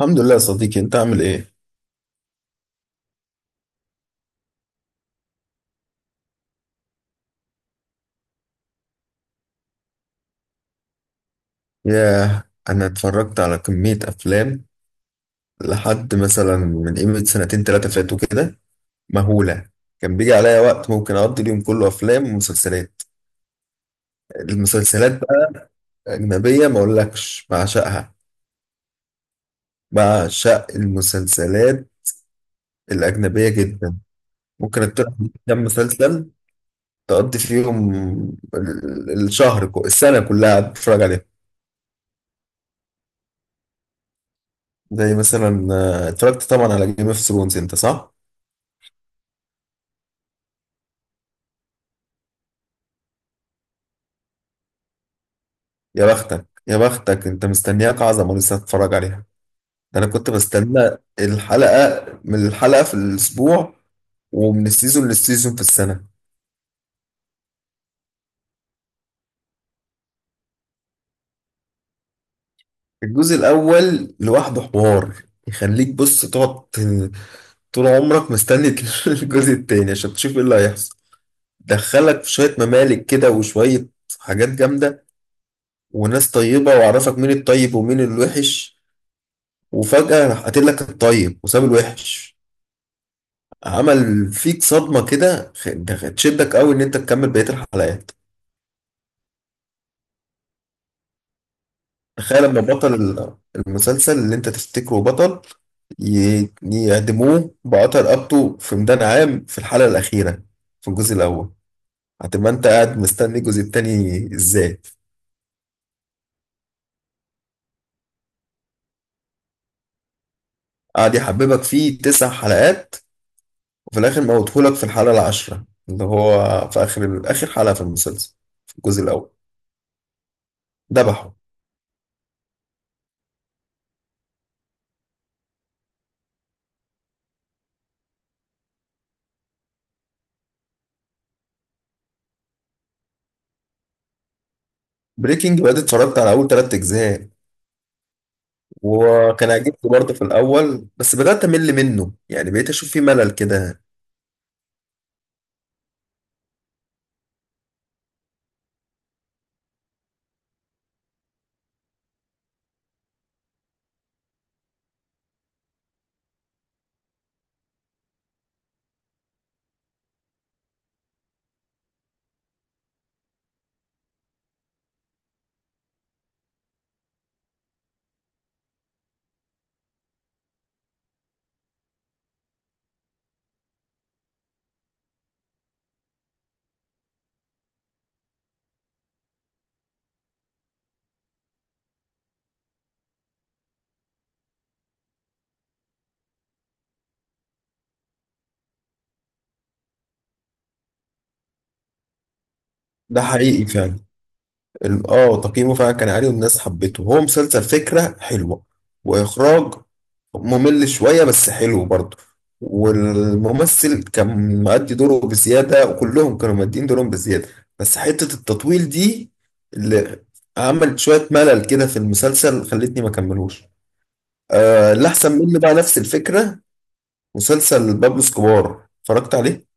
الحمد لله يا صديقي، انت عامل ايه؟ ياه. انا اتفرجت على كمية افلام، لحد مثلا من قيمة سنتين تلاتة فاتوا كده مهولة. كان بيجي عليا وقت ممكن اقضي اليوم كله افلام ومسلسلات. المسلسلات بقى اجنبية، ما اقولكش بعشقها، بعشق المسلسلات الاجنبية جدا. ممكن اقترح عليك كام مسلسل تقضي فيهم السنة كلها قاعد بتتفرج عليهم. زي مثلا اتفرجت طبعا على جيم اوف ثرونز، انت صح؟ يا بختك يا بختك انت، مستنياك عظمة لسه هتتفرج عليها. ده انا كنت بستنى الحلقة من الحلقة في الاسبوع، ومن السيزون للسيزون في السنة. الجزء الاول لوحده حوار يخليك بص تقعد طول عمرك مستني. الجزء التاني عشان تشوف ايه اللي هيحصل. دخلك في شوية ممالك كده وشوية حاجات جامدة، وناس طيبة، وعرفك مين الطيب ومين الوحش، وفجأة راح قاتل لك الطيب وساب الوحش. عمل فيك صدمة كده، ده تشدك قوي ان انت تكمل بقية الحلقات. تخيل لما بطل المسلسل اللي انت تفتكره بطل يعدموه بقطع رقبته في ميدان عام في الحلقة الأخيرة في الجزء الأول. هتبقى انت قاعد مستني الجزء التاني ازاي؟ قاعد يحببك فيه 9 حلقات، وفي الآخر موتهولك في الحلقة العاشرة اللي هو في آخر آخر حلقة في المسلسل في الجزء الأول. ذبحه. بريكنج باد اتفرجت على أول 3 أجزاء، وكان عاجبني برضه في الأول، بس بدأت أمل منه، يعني بقيت أشوف فيه ملل كده. ده حقيقي فعلا. تقييمه فعلا كان عالي والناس حبته، هو مسلسل فكرة حلوة وإخراج ممل شوية بس حلو برضه. والممثل كان مؤدي دوره بزيادة، وكلهم كانوا مؤدين دورهم بزيادة. بس حتة التطويل دي اللي عملت شوية ملل كده في المسلسل خلتني ما كملوش. آه، اللي أحسن منه بقى نفس الفكرة مسلسل بابلو اسكوبار، اتفرجت عليه.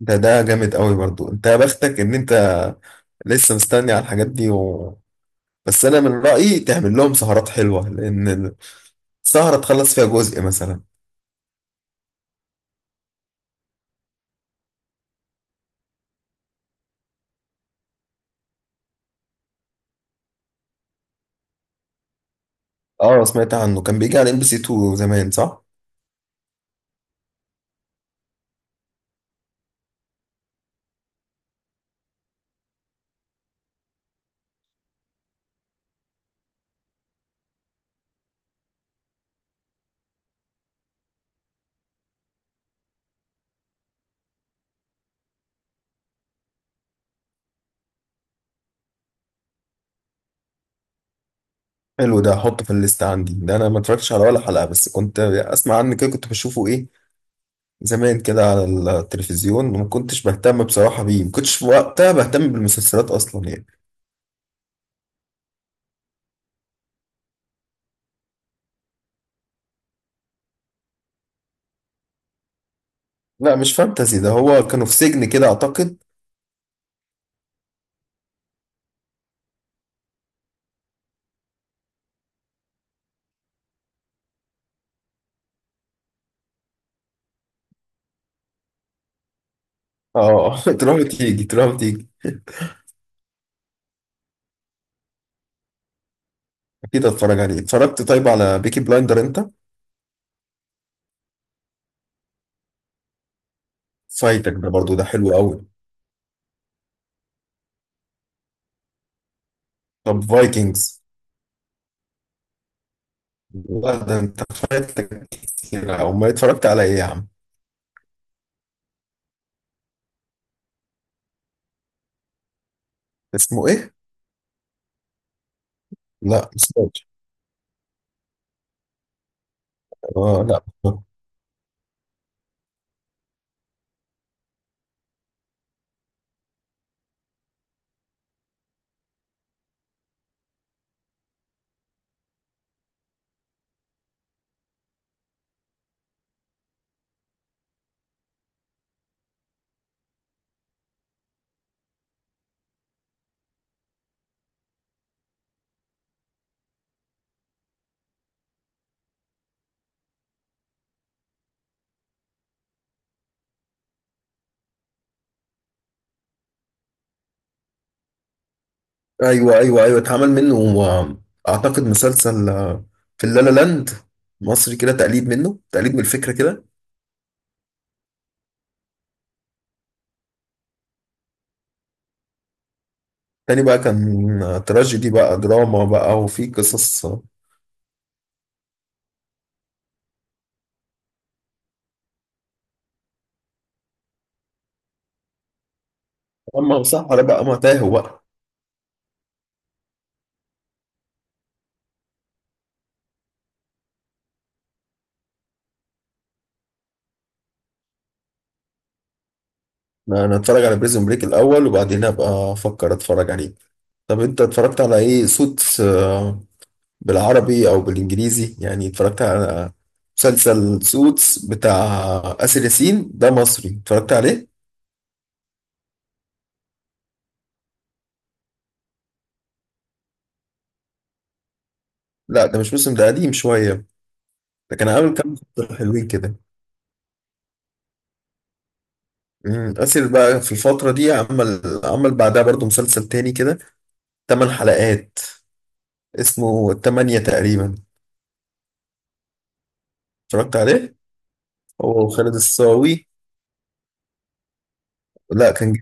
ده جامد قوي برضو. انت يا بختك ان انت لسه مستني على الحاجات دي بس انا من رأيي تعمل لهم سهرات حلوة، لان السهرة تخلص فيها جزء مثلا. اه، سمعت عنه، كان بيجي على ام بي سي 2 زمان، صح؟ حلو، ده احطه في الليست عندي. ده انا ما اتفرجتش على ولا حلقة، بس كنت اسمع عنه كده، كنت بشوفه ايه زمان كده على التلفزيون، وما كنتش بهتم بصراحة بيه، ما كنتش في وقتها بهتم بالمسلسلات اصلا يعني. لا مش فانتزي، ده هو كانوا في سجن كده اعتقد. اه. تروح وتيجي تروح وتيجي. اكيد هتفرج عليه. اتفرجت طيب على بيكي بلايندر انت؟ فايتك ده برضو، ده حلو قوي. طب فايكنجز؟ لا ده انت فايتك كتير، او ما اتفرجت على ايه يا عم؟ اسمه ايه؟ لا مش فاكر. اه، لا. ايوه ايوه ايوه، اتعمل منه اعتقد مسلسل في اللالا لاند مصري كده، تقليد منه، تقليد من الفكره كده. تاني بقى كان تراجيدي بقى، دراما بقى، وفي قصص اما صح، ولا بقى ما تاهوا بقى. انا اتفرج على بريزون بريك الاول، وبعدين ابقى افكر اتفرج عليه. طب انت اتفرجت على ايه؟ سوتس بالعربي او بالانجليزي يعني؟ اتفرجت على مسلسل سوتس بتاع آسر ياسين ده مصري، اتفرجت عليه؟ لا ده مش موسم، ده قديم شوية. ده كان عامل كام مسلسل حلوين كده. آسر بقى في الفترة دي عمل بعدها برضو مسلسل تاني كده 8 حلقات، اسمه تمانية تقريبا. اتفرجت عليه؟ هو خالد الصاوي. لا كان.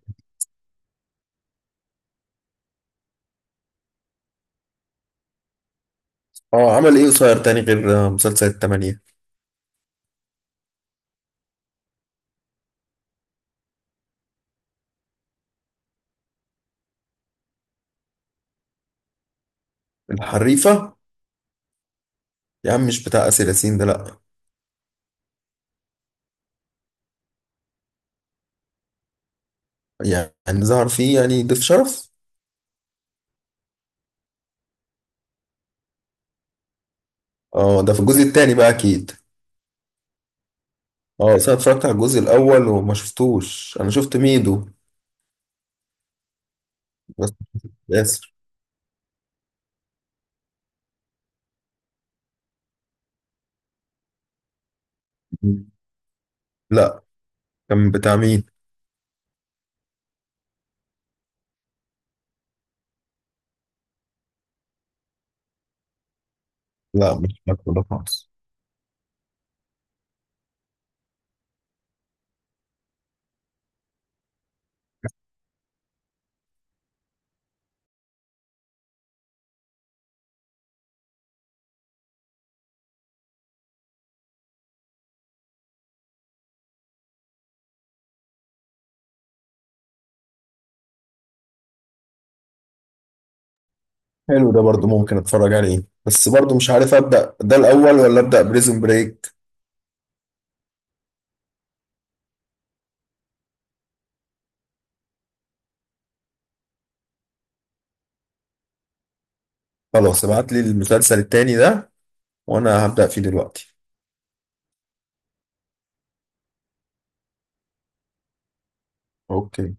اه عمل ايه قصير تاني غير مسلسل التمانية؟ الحريفة؟ يا عم مش بتاع آسر ياسين ده لأ. يعني ظهر فيه يعني ضيف شرف؟ اه ده في الجزء التاني بقى أكيد. اه بس أنا اتفرجت على الجزء الأول وما شفتوش، أنا شفت ميدو بس. آسر. لأ. كان بتاع مين؟ لأ مش فاكره ده خالص. حلو، ده برضو ممكن اتفرج عليه، بس برضو مش عارف أبدأ ده الأول ولا أبدأ بريزون بريك. خلاص ابعت لي المسلسل التاني ده، وأنا هبدأ فيه دلوقتي. اوكي.